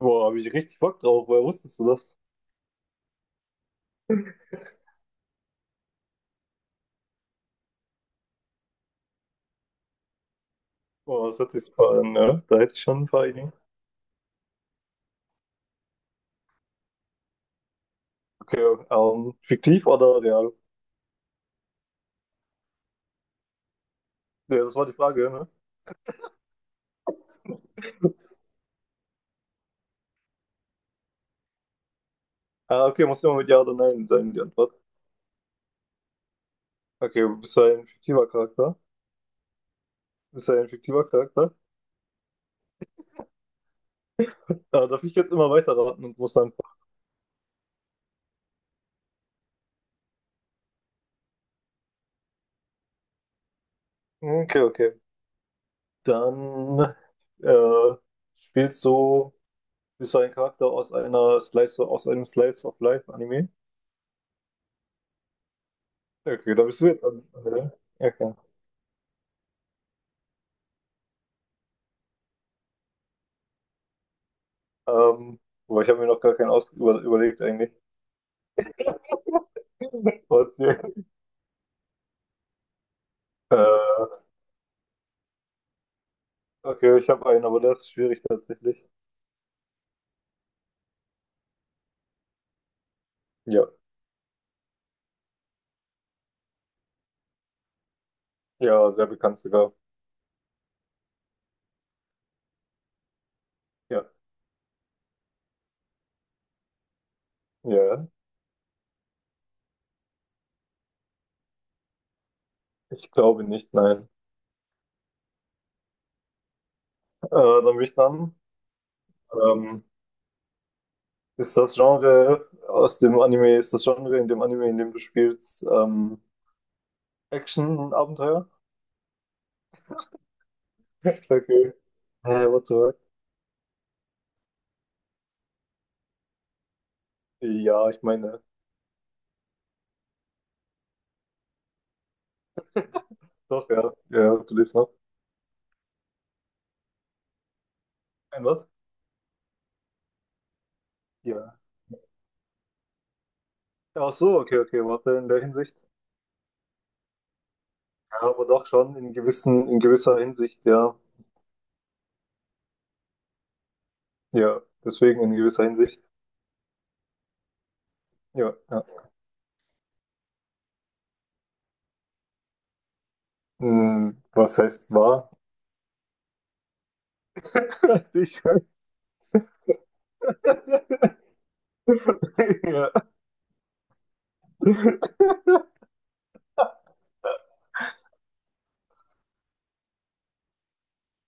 Boah, habe ich richtig Bock drauf. Woher wusstest du das? Boah, das hört sich super an, ne? Da hätte ich schon ein paar Ideen. Okay, fiktiv oder real? Ja, das war die Frage, ne? Ah, okay, muss immer mit Ja oder Nein sein, die Antwort. Okay, bist du ein fiktiver Charakter? Bist du ein fiktiver Charakter? Ah, darf ich jetzt immer weiterraten und muss dann. Okay, okay. Dann äh, spielst du, bist du ein Charakter aus aus einem Slice of Life Anime? Okay, da bist du jetzt an. Okay. Ähm, aber ich habe mir noch gar keinen aus über überlegt eigentlich. Trotzdem. Äh, okay, ich habe einen, aber der ist schwierig tatsächlich. Ja, ja, sehr bekannt sogar. Ja, ja. Ja. Ich glaube nicht, nein. Dann bin ich dran. Ähm, ist das Genre in dem Anime, in dem du spielst, Action-Abenteuer? Okay. Hä, what the fuck? Ja, ich meine, doch, ja. Ja, du lebst noch. Ein was? Ja. Ach so, okay, okay, warte, in der Hinsicht. Ja, aber doch schon in gewisser Hinsicht, ja. Ja, deswegen in gewisser Hinsicht. Ja, ja. Hm, was heißt wahr? Weiß Ich- ja.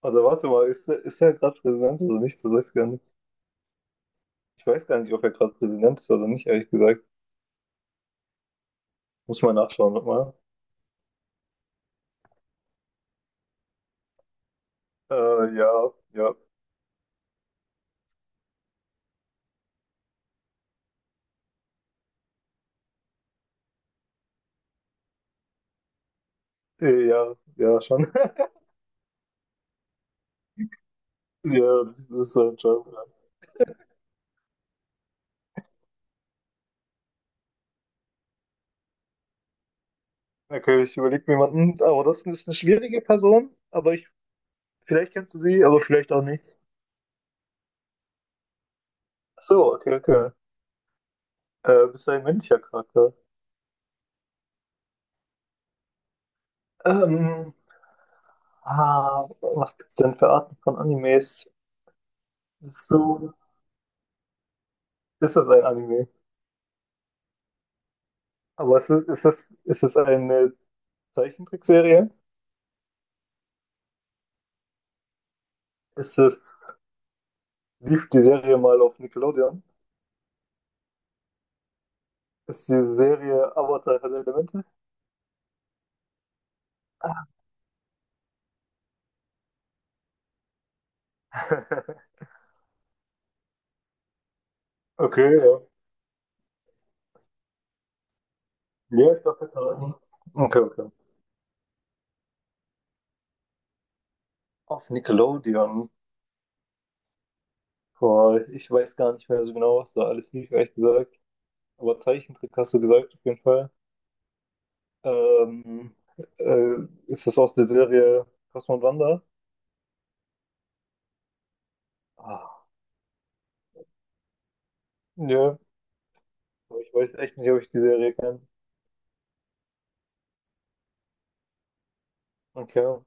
Oder warte mal, ist der gerade Präsident oder nicht? Das weiß ich gar nicht. Ich weiß gar nicht, ob er gerade Präsident ist oder nicht, ehrlich gesagt. Muss mal nachschauen nochmal. Ja, ja. Ja, ja, schon. Ja, das ist so ein Job. Ja. Okay, ich überlege mir jemanden, aber das ist eine schwierige Person, aber ich, vielleicht kennst du sie, aber vielleicht auch nicht. Ach so, okay, okay. Bist du ein männlicher Charakter? Ähm, was gibt's denn für Arten von Animes? So, ist es ein Anime? Aber ist es eine Zeichentrickserie? Ist es, lief die Serie mal auf Nickelodeon? Ist die Serie Avatar Herr der Elemente? Okay, ja. Ja, ich darf jetzt raten. Okay, okay. Auf Nickelodeon. Boah, ich weiß gar nicht mehr so genau, was da alles lief, ehrlich gesagt. Aber Zeichentrick hast du gesagt, auf jeden Fall. Ähm, äh, ist das aus der Serie Cosmo und Wanda? Ah, nö. Aber ich weiß echt nicht, ob ich die Serie kenne. Okay.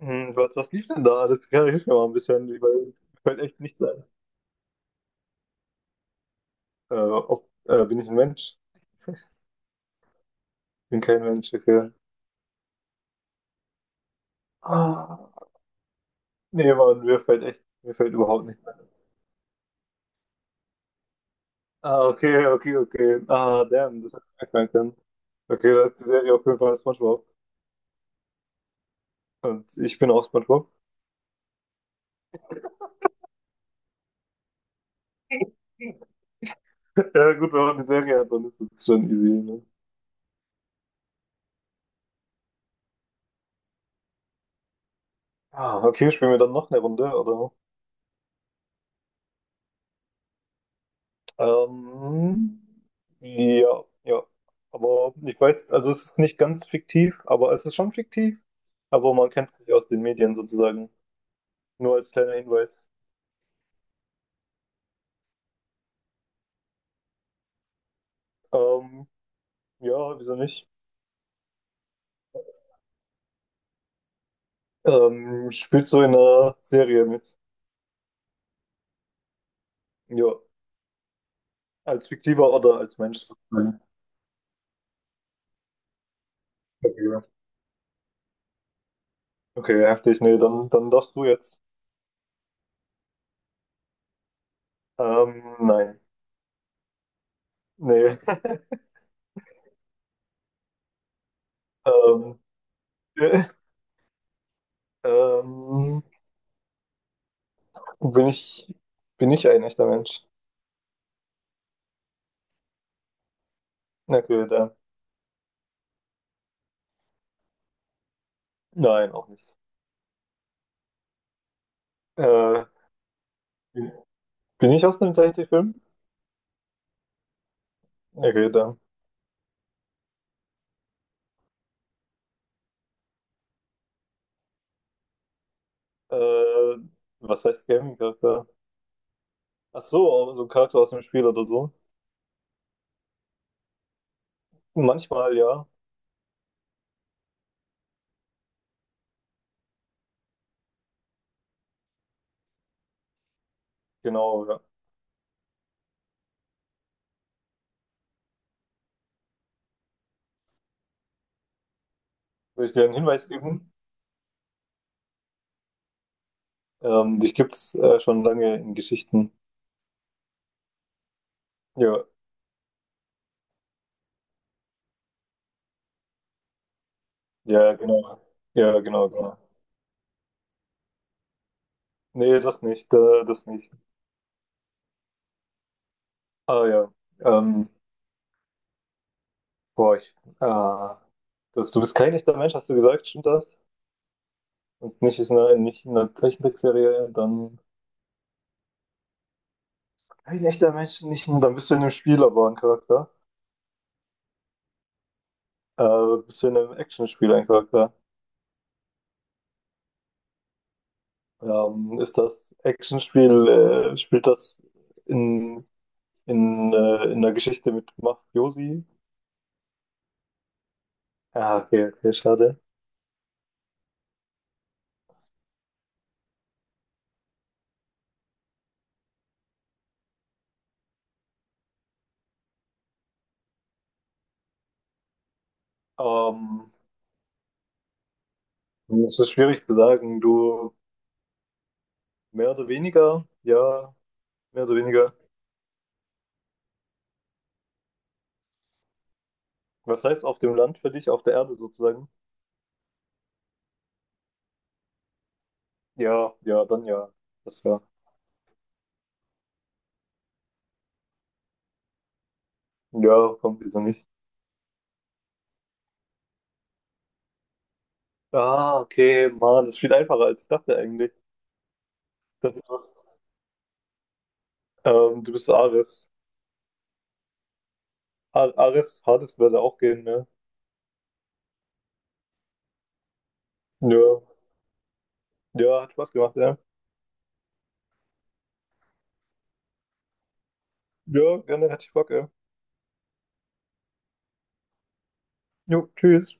Hm, was lief denn da? Das kann ich mir mal ein bisschen, weil mir fällt echt nicht sein. Bin ich ein Mensch? Bin kein Mensch, okay. Ah, nee, Mann, mir fällt überhaupt nicht ein. Ah, okay. Ah, damn, das hätte ich merken können. Okay, da ist die Serie auf jeden Fall SpongeBob. Und ich bin auch SpongeBob. Ja, gut, wenn man eine Serie hat, dann ist es schon easy, ne? Ah, okay, spielen wir dann noch eine Runde, oder? Ähm, ja, ja. Aber ich weiß, also es ist nicht ganz fiktiv, aber es ist schon fiktiv. Aber man kennt es nicht aus den Medien sozusagen. Nur als kleiner Hinweis. Ähm, ja, wieso nicht? Spielst du in einer Serie mit? Ja, als fiktiver oder als Mensch sozusagen. Okay, okay, heftig. Nee, dann darfst du jetzt. Nein. Nee. Ähm, ähm, Bin ich, bin ich ein echter Mensch? Na gut, nein, auch nicht. Äh, bin ich aus einem Zeichentrickfilm? Na gut, äh, was heißt Gaming-Charakter? Ach so, so ein Charakter aus dem Spiel oder so. Manchmal, ja. Genau, ja. Soll ich dir einen Hinweis geben? Dich gibt's schon lange in Geschichten. Ja, ja, genau. Ja, genau, genau. Nee, das nicht, äh. Ah ja, ähm, boah, ich, ah, das, du bist kein echter Mensch, hast du gesagt, stimmt das? Und nicht eine Zeichentrickserie, dann ein echter Mensch, nicht, ein- dann bist du in einem Spiel aber ein Charakter. Bist du in einem Actionspiel ein Charakter. Ist das Actionspiel, spielt das in, in der Geschichte mit Mafiosi? Ah, okay, okay, schade. Ähm, es ist schwierig zu sagen. Du mehr oder weniger, ja, mehr oder weniger. Was heißt auf dem Land für dich, auf der Erde sozusagen? Ja, ja, dann ja. Das war. Ja, komm, wieso nicht? Ah, okay, Mann, das ist viel einfacher, als ich dachte eigentlich. Das ist was. Du bist Ares. Ar Ares, Hades würde auch gehen, ne? Ja. Ja, hat Spaß gemacht, ja. Ja, gerne, hätte ich Bock, ja. Jo, tschüss.